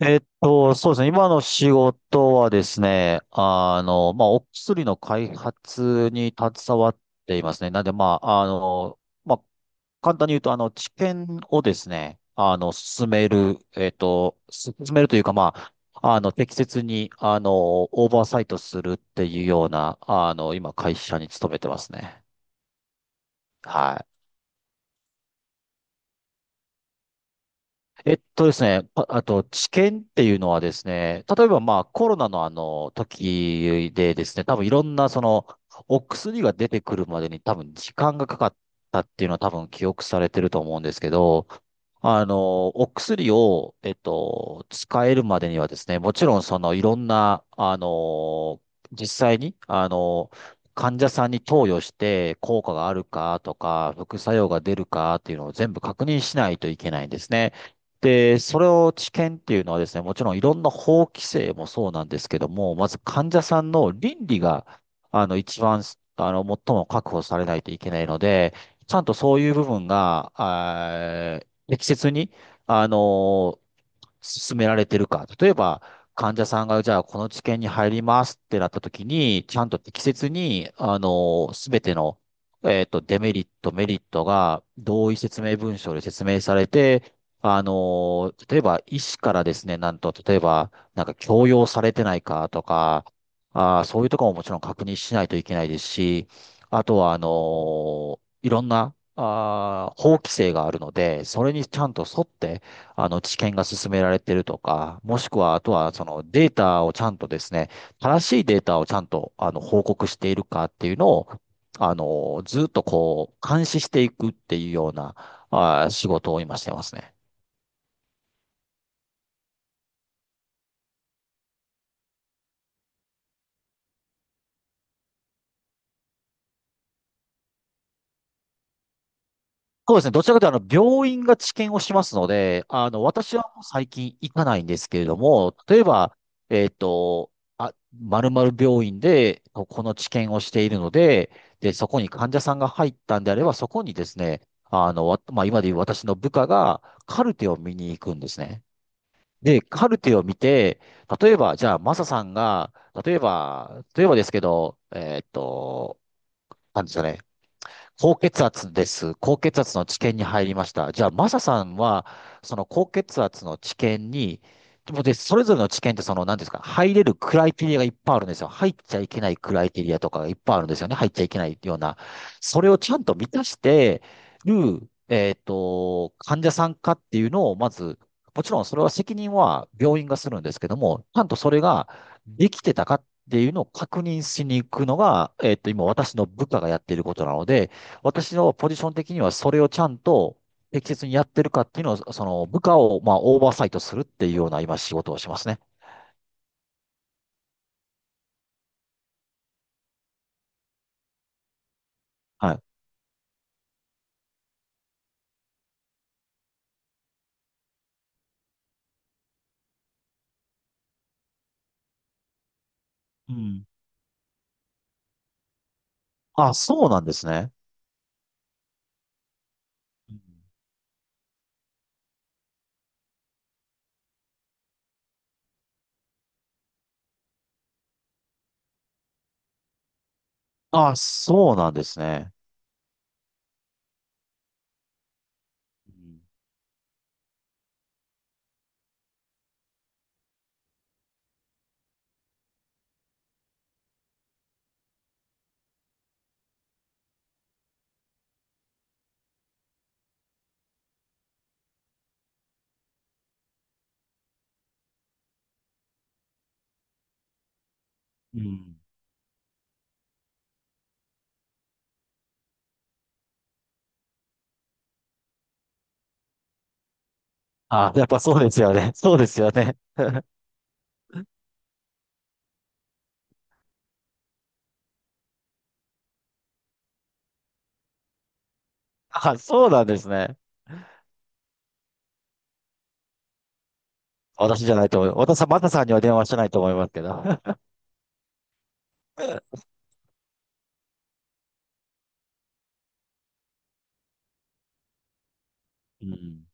そうですね。今の仕事はですね、まあ、お薬の開発に携わっていますね。なんで、まあ、まあ、簡単に言うと、治験をですね、進めるというか、まあ、適切に、オーバーサイトするっていうような、今、会社に勤めてますね。はい。えっとですね、ああと、治験っていうのはですね、例えばまあコロナのあの時でですね、多分いろんなそのお薬が出てくるまでに多分時間がかかったっていうのは多分記憶されてると思うんですけど、お薬を、使えるまでにはですね、もちろんそのいろんな、実際に、患者さんに投与して効果があるかとか、副作用が出るかっていうのを全部確認しないといけないんですね。で、それを治験っていうのはですね、もちろんいろんな法規制もそうなんですけども、まず患者さんの倫理が、一番、最も確保されないといけないので、ちゃんとそういう部分が、適切に、あの進められてるか。例えば、患者さんが、じゃあ、この治験に入りますってなった時に、ちゃんと適切に、すべての、デメリット、メリットが同意説明文書で説明されて、例えば、医師からですね、なんと、例えば、なんか強要されてないかとか、そういうところももちろん確認しないといけないですし、あとは、いろんな、法規制があるので、それにちゃんと沿って、知見が進められてるとか、もしくは、あとは、そのデータをちゃんとですね、正しいデータをちゃんと、報告しているかっていうのを、ずっとこう、監視していくっていうような、仕事を今してますね。そうですね。どちらかというと、病院が治験をしますので、私はもう最近行かないんですけれども、例えば、えっと、あ、〇〇病院で、ここの治験をしているので、で、そこに患者さんが入ったんであれば、そこにですね、あの、わまあ、今で言う私の部下がカルテを見に行くんですね。で、カルテを見て、例えば、じゃあ、マサさんが、例えばですけど、なんですかね、高血圧です。高血圧の治験に入りました。じゃあ、マサさんは、その高血圧の治験に、でも、それぞれの治験って、その、なんていうんですか、入れるクライテリアがいっぱいあるんですよ。入っちゃいけないクライテリアとかがいっぱいあるんですよね。入っちゃいけないような。それをちゃんと満たしてる、患者さんかっていうのを、まず、もちろんそれは責任は病院がするんですけども、ちゃんとそれができてたかっていうのを確認しに行くのが、今私の部下がやっていることなので、私のポジション的にはそれをちゃんと適切にやってるかっていうのを、その部下をまあオーバーサイトするっていうような今仕事をしますね。はい。うん。あ、そうなんですね。うん、あ、そうなんですね。うん、うん、あ、やっぱそうですよね。そうですよね。あ、そうなんですね。私じゃないと思う。私はマタさんには電話してないと思いますけど。うん、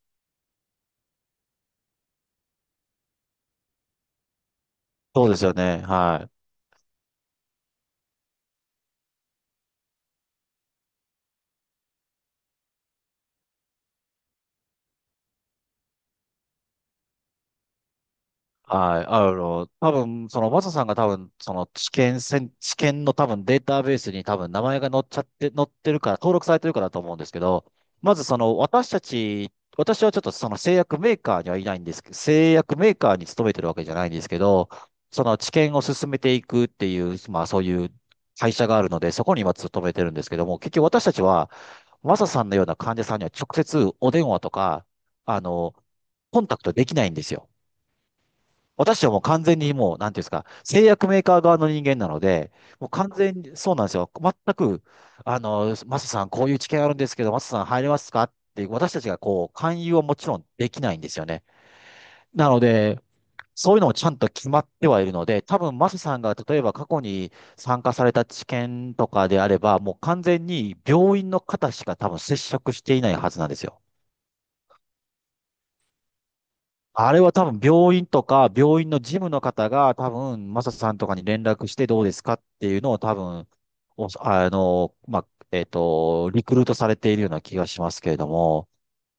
そうですよね。はい。はい。多分、その、マサさんが多分、その、知見の多分データベースに多分名前が載っちゃって、載ってるから、登録されてるからだと思うんですけど、まずその、私はちょっとその製薬メーカーにはいないんですけど、製薬メーカーに勤めてるわけじゃないんですけど、その知見を進めていくっていう、まあそういう会社があるので、そこに今勤めてるんですけども、結局私たちは、マサさんのような患者さんには直接お電話とか、あの、コンタクトできないんですよ。私はもう完全にもう、なんていうんですか、製薬メーカー側の人間なので、もう完全に、そうなんですよ。全く、マサさん、こういう知見あるんですけど、マサさん入れますかって、私たちがこう、勧誘はもちろんできないんですよね。なので、そういうのもちゃんと決まってはいるので、多分マサさんが例えば過去に参加された知見とかであれば、もう完全に病院の方しか多分接触していないはずなんですよ。あれは多分病院とか、病院の事務の方が多分、マサさんとかに連絡してどうですかっていうのを多分、おあの、まあ、えっと、リクルートされているような気がしますけれども、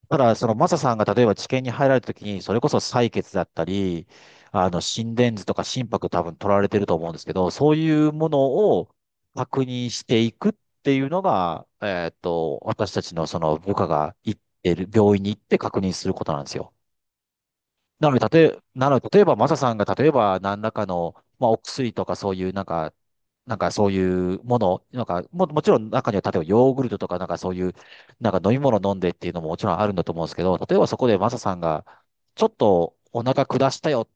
ただ、そのマサさんが例えば治験に入られた時に、それこそ採血だったり、心電図とか心拍多分取られてると思うんですけど、そういうものを確認していくっていうのが、私たちのその部下が行ってる、病院に行って確認することなんですよ。なので、例えば、マサさんが、例えば、何らかの、まあ、お薬とか、そういう、なんか、そういうもの、なんか、もちろん、中には、例えば、ヨーグルトとか、なんか、そういう、なんか、飲み物飲んでっていうのももちろんあるんだと思うんですけど、例えば、そこで、マサさんが、ちょっと、お腹下したよっ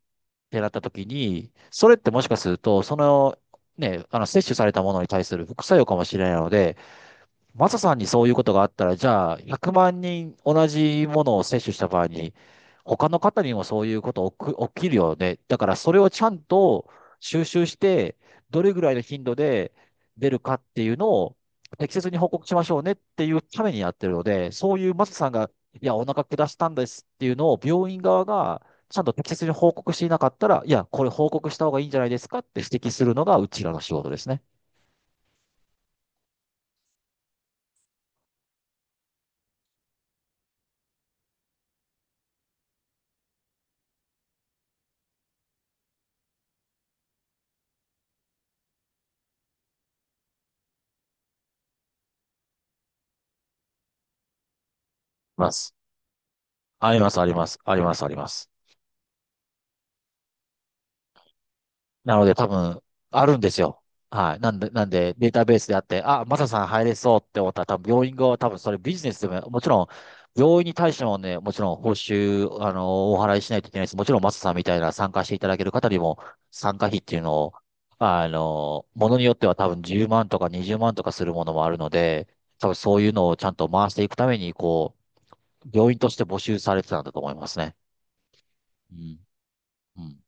てなった時に、それってもしかすると、その、ね、摂取されたものに対する副作用かもしれないので、マサさんにそういうことがあったら、じゃあ、100万人同じものを接種した場合に、他の方にもそういうこと起きるよね。だから、それをちゃんと収集して、どれぐらいの頻度で出るかっていうのを適切に報告しましょうねっていうためにやってるので、そういうマサさんが、いや、お腹下したんですっていうのを病院側がちゃんと適切に報告していなかったら、いや、これ報告した方がいいんじゃないですかって指摘するのがうちらの仕事ですね。ます。あります、あります、あります、あります。なので多分、あるんですよ。はい。なんで、データベースであって、あ、マサさん入れそうって思ったら、多分、病院側は多分、それビジネスでも、もちろん、病院に対してもね、もちろん、報酬、お払いしないといけないです。もちろん、マサさんみたいな参加していただける方にも、参加費っていうのを、ものによっては多分、10万とか20万とかするものもあるので、多分、そういうのをちゃんと回していくために、こう、病院として募集されてたんだと思いますね。うん。うん、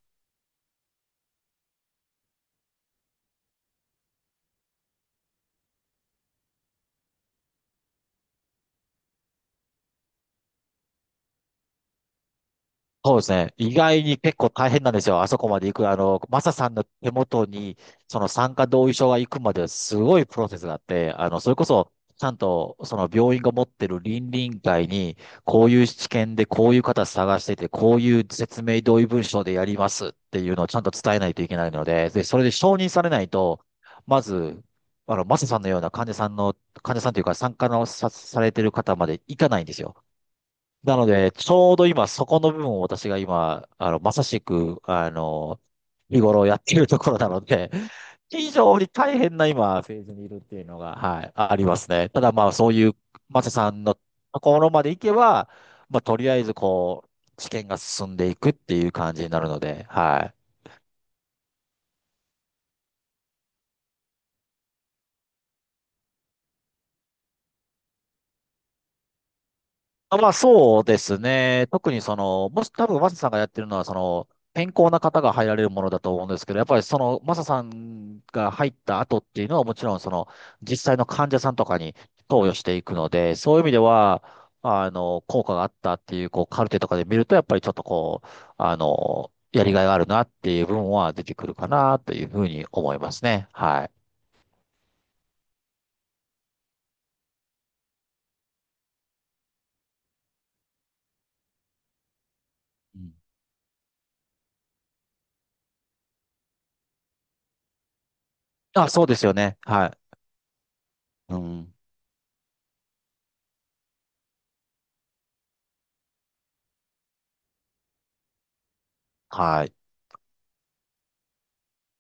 そうですね。意外に結構大変なんですよ。あそこまで行く。マサさんの手元に、その参加同意書が行くまですごいプロセスがあって、それこそ、ちゃんと、その病院が持ってる倫理委員会に、こういう知見で、こういう方探してて、こういう説明同意文書でやりますっていうのをちゃんと伝えないといけないので、で、それで承認されないと、まず、マサさんのような患者さんの、患者さんというか、参加のさ、されてる方まで行かないんですよ。なので、ちょうど今、そこの部分を私が今、まさしく、日頃やっているところなので、非常に大変な今、フェーズにいるっていうのが、はい、ありますね。ただまあ、そういう、マサさんのところまで行けば、まあ、とりあえず、こう、試験が進んでいくっていう感じになるので、はい。あ、まあそうですね。特にその、もし多分マサさんがやってるのは、その、健康な方が入られるものだと思うんですけど、やっぱりその、マサさんが入った後っていうのはもちろんその、実際の患者さんとかに投与していくので、そういう意味では、効果があったっていう、こう、カルテとかで見ると、やっぱりちょっとこう、やりがいがあるなっていう部分は出てくるかなというふうに思いますね。はい。うん、あ、そうですよね。はい。うん。はい。